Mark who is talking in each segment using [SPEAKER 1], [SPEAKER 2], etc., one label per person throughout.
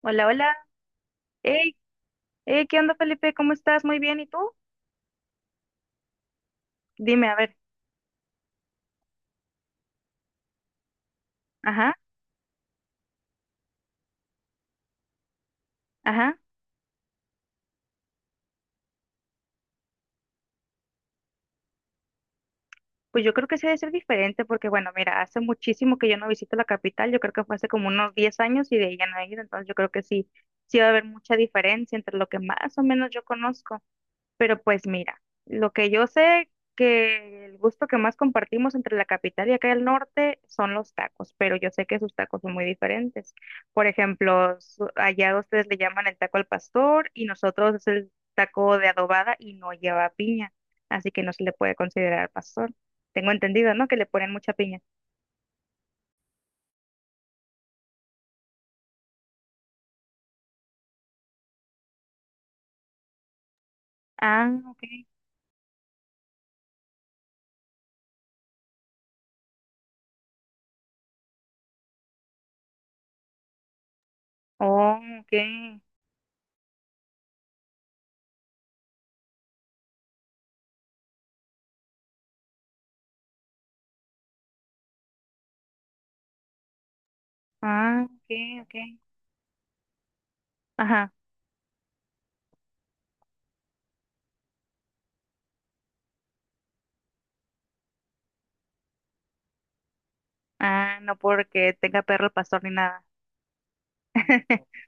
[SPEAKER 1] Hola, hola. Hey, hey, ¿qué onda, Felipe? ¿Cómo estás? Muy bien, ¿y tú? Dime, a ver. Ajá, ajá. Pues yo creo que sí debe ser diferente porque, bueno, mira, hace muchísimo que yo no visito la capital, yo creo que fue hace como unos 10 años y de ahí ya no he ido, entonces yo creo que sí, sí va a haber mucha diferencia entre lo que más o menos yo conozco. Pero pues mira, lo que yo sé que el gusto que más compartimos entre la capital y acá el norte son los tacos, pero yo sé que sus tacos son muy diferentes. Por ejemplo, allá ustedes le llaman el taco al pastor y nosotros es el taco de adobada y no lleva piña, así que no se le puede considerar pastor. Tengo entendido, ¿no?, que le ponen mucha piña. Ah, ok. Oh, ok. Ah, ok, ok. Ajá. Ah, no porque tenga perro el pastor ni nada.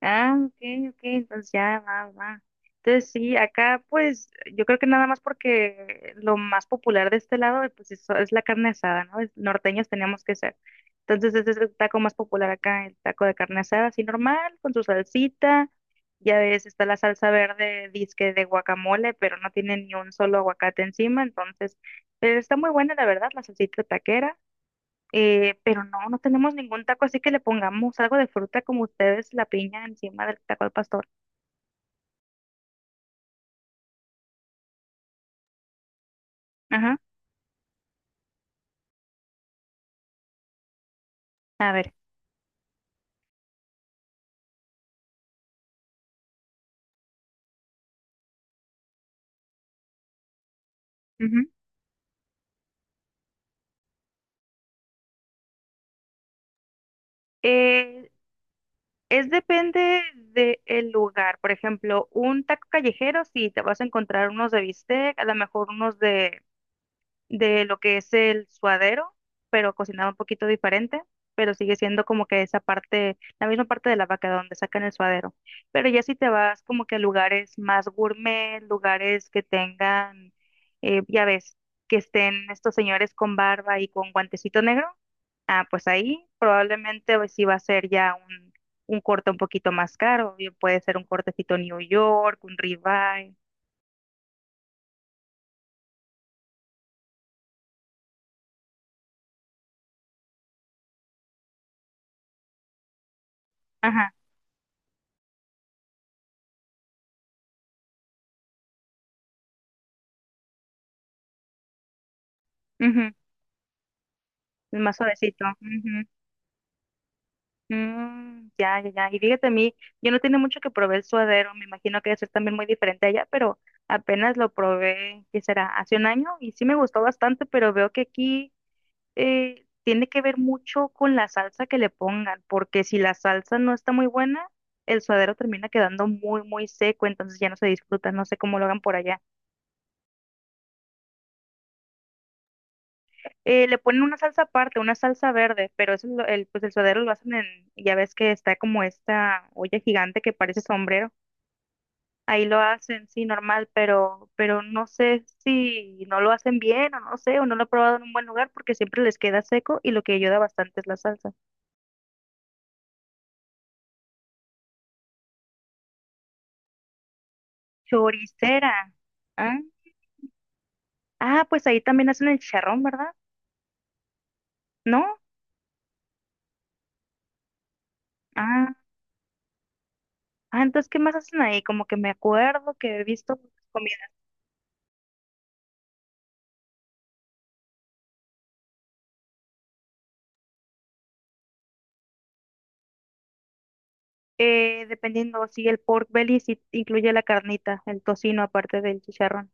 [SPEAKER 1] Ah, ok, ok, entonces ya va, va. Entonces sí, acá pues yo creo que nada más porque lo más popular de este lado pues eso es la carne asada, ¿no? Norteños teníamos que ser. Entonces ese es el taco más popular acá, el taco de carne asada, así normal, con su salsita. Ya ves, está la salsa verde, disque de guacamole, pero no tiene ni un solo aguacate encima, entonces, pero está muy buena la verdad, la salsita taquera. Pero no, no tenemos ningún taco, así que le pongamos algo de fruta como ustedes, la piña encima del taco al pastor. Ajá, a ver. Ujú. Eh, es depende del lugar. Por ejemplo, un taco callejero, si te vas a encontrar unos de bistec, a lo mejor unos de lo que es el suadero, pero cocinado un poquito diferente, pero sigue siendo como que esa parte, la misma parte de la vaca donde sacan el suadero. Pero ya si te vas como que a lugares más gourmet, lugares que tengan, ya ves, que estén estos señores con barba y con guantecito negro, ah, pues ahí probablemente pues, sí va a ser ya un corte un poquito más caro, bien puede ser un cortecito New York, un ribeye, ajá, ujú. Más suavecito. Ujú. Mm, ya, ya, ya. Y fíjate a mí, yo no tiene mucho que probé el suadero, me imagino que debe ser también muy diferente allá, pero apenas lo probé, ¿qué será? Hace un año y sí me gustó bastante, pero veo que aquí tiene que ver mucho con la salsa que le pongan, porque si la salsa no está muy buena, el suadero termina quedando muy, muy seco, entonces ya no se disfruta, no sé cómo lo hagan por allá. Le ponen una salsa aparte, una salsa verde, pero eso, pues el suadero lo hacen en, ya ves que está como esta olla gigante que parece sombrero, ahí lo hacen, sí, normal, pero no sé si no lo hacen bien o no sé, o no lo he probado en un buen lugar porque siempre les queda seco y lo que ayuda bastante es la salsa. Choricera. Ah, ah, pues ahí también hacen el chicharrón, ¿verdad? ¿No? Ah, ah, entonces, ¿qué más hacen ahí? Como que me acuerdo que he visto comida. Dependiendo si el pork belly sí incluye la carnita, el tocino aparte del chicharrón.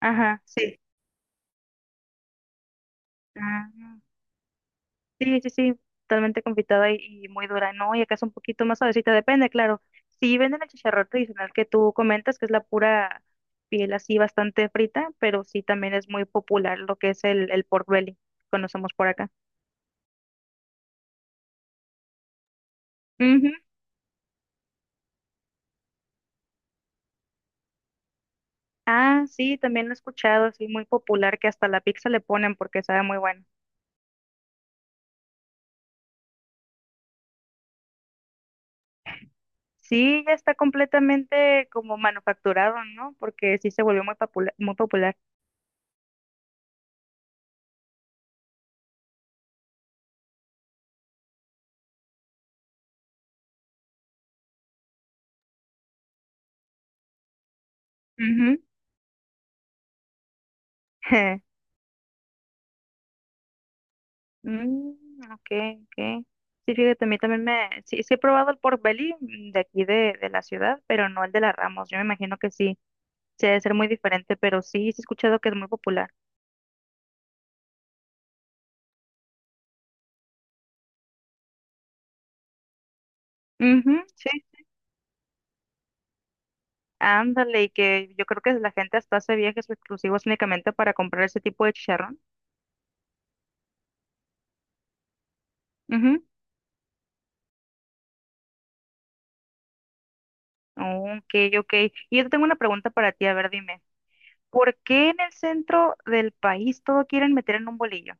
[SPEAKER 1] Ajá, sí. Ah. Sí, sí, sí, totalmente confitada y muy dura, ¿no? Y acá es un poquito más suavecita, depende, claro. Sí venden el chicharrón tradicional que tú comentas, que es la pura piel así bastante frita, pero sí también es muy popular lo que es el pork belly, conocemos por acá. Ujú. Ah, sí, también lo he escuchado, sí, muy popular, que hasta la pizza le ponen porque sabe muy bueno. Sí, ya está completamente como manufacturado, ¿no? Porque sí se volvió muy popular, muy popular. Ujú. Mm, ok, ok. Sí, fíjate, a mí también me... sí, sí he probado el pork belly de aquí de la ciudad, pero no el de la Ramos. Yo me imagino que sí, sí debe ser muy diferente, pero sí, sí he escuchado que es muy popular. Ujú, sí, ándale, y que yo creo que la gente hasta hace viajes exclusivos únicamente para comprar ese tipo de chicharrón. Ujú. Ok, ok. Y yo te tengo una pregunta para ti, a ver, dime. ¿Por qué en el centro del país todo quieren meter en un bolillo?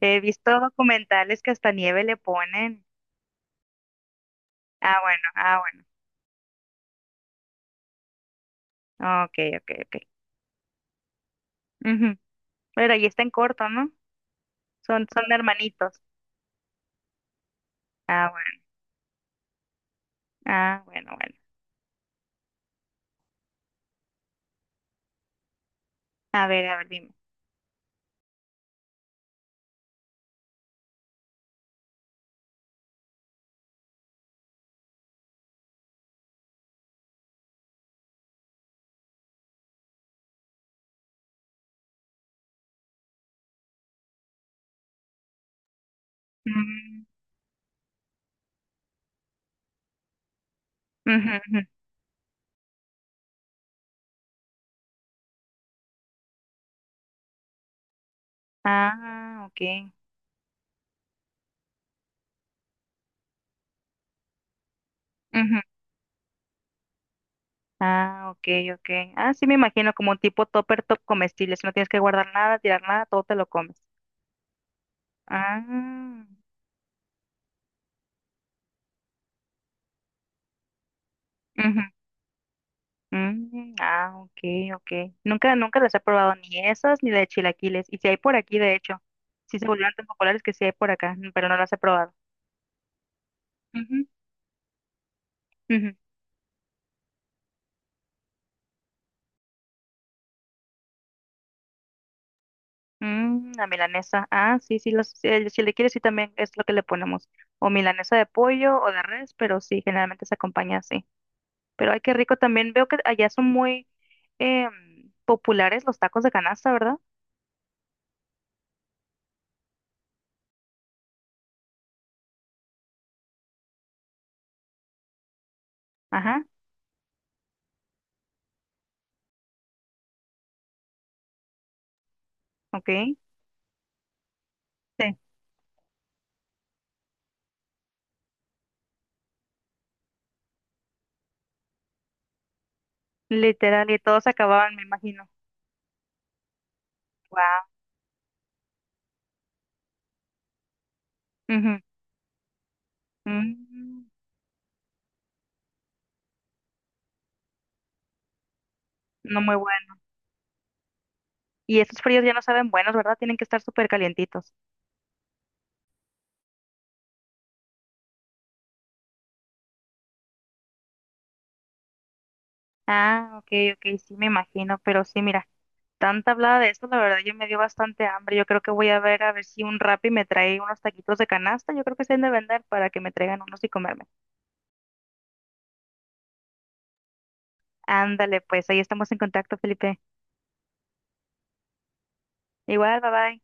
[SPEAKER 1] He visto documentales que hasta nieve le ponen. Ah, bueno, ah, bueno. Ok, ok, ok. Ujú. Pero ahí está en corto, ¿no? Son, son hermanitos. Ah, bueno, ah, bueno, bueno. A ver, dime. Mm, ujú, ujú. Ah, ok. Ujú. Ah, ok, ok. Ah, sí, me imagino como un tipo topper top comestible. Si no tienes que guardar nada, tirar nada, todo te lo comes. Ah, ujú. Mm, ah, ok, ok. Nunca, nunca las he probado ni esas ni de chilaquiles. Y si hay por aquí, de hecho. Sí se volvieron tan populares que sí hay por acá, pero no las he probado. Ujú, ujú. Mm, la milanesa. Ah, sí, sí, los, si, si le quieres, sí también es lo que le ponemos. O milanesa de pollo o de res, pero sí, generalmente se acompaña así. Pero ay, qué rico también. Veo que allá son muy populares los tacos de canasta, ¿verdad? Ajá, ok. Sí. Literal, y todos se acababan, me imagino. Wow. No muy bueno. Y esos fríos ya no saben buenos, ¿verdad? Tienen que estar súper calientitos. Ah, ok, ok, sí, me imagino, pero sí, mira. Tanta hablada de esto, la verdad yo me dio bastante hambre. Yo creo que voy a ver si un Rappi me trae unos taquitos de canasta. Yo creo que se han de vender para que me traigan unos y comerme. Ándale, pues ahí estamos en contacto, Felipe. Igual, bye bye.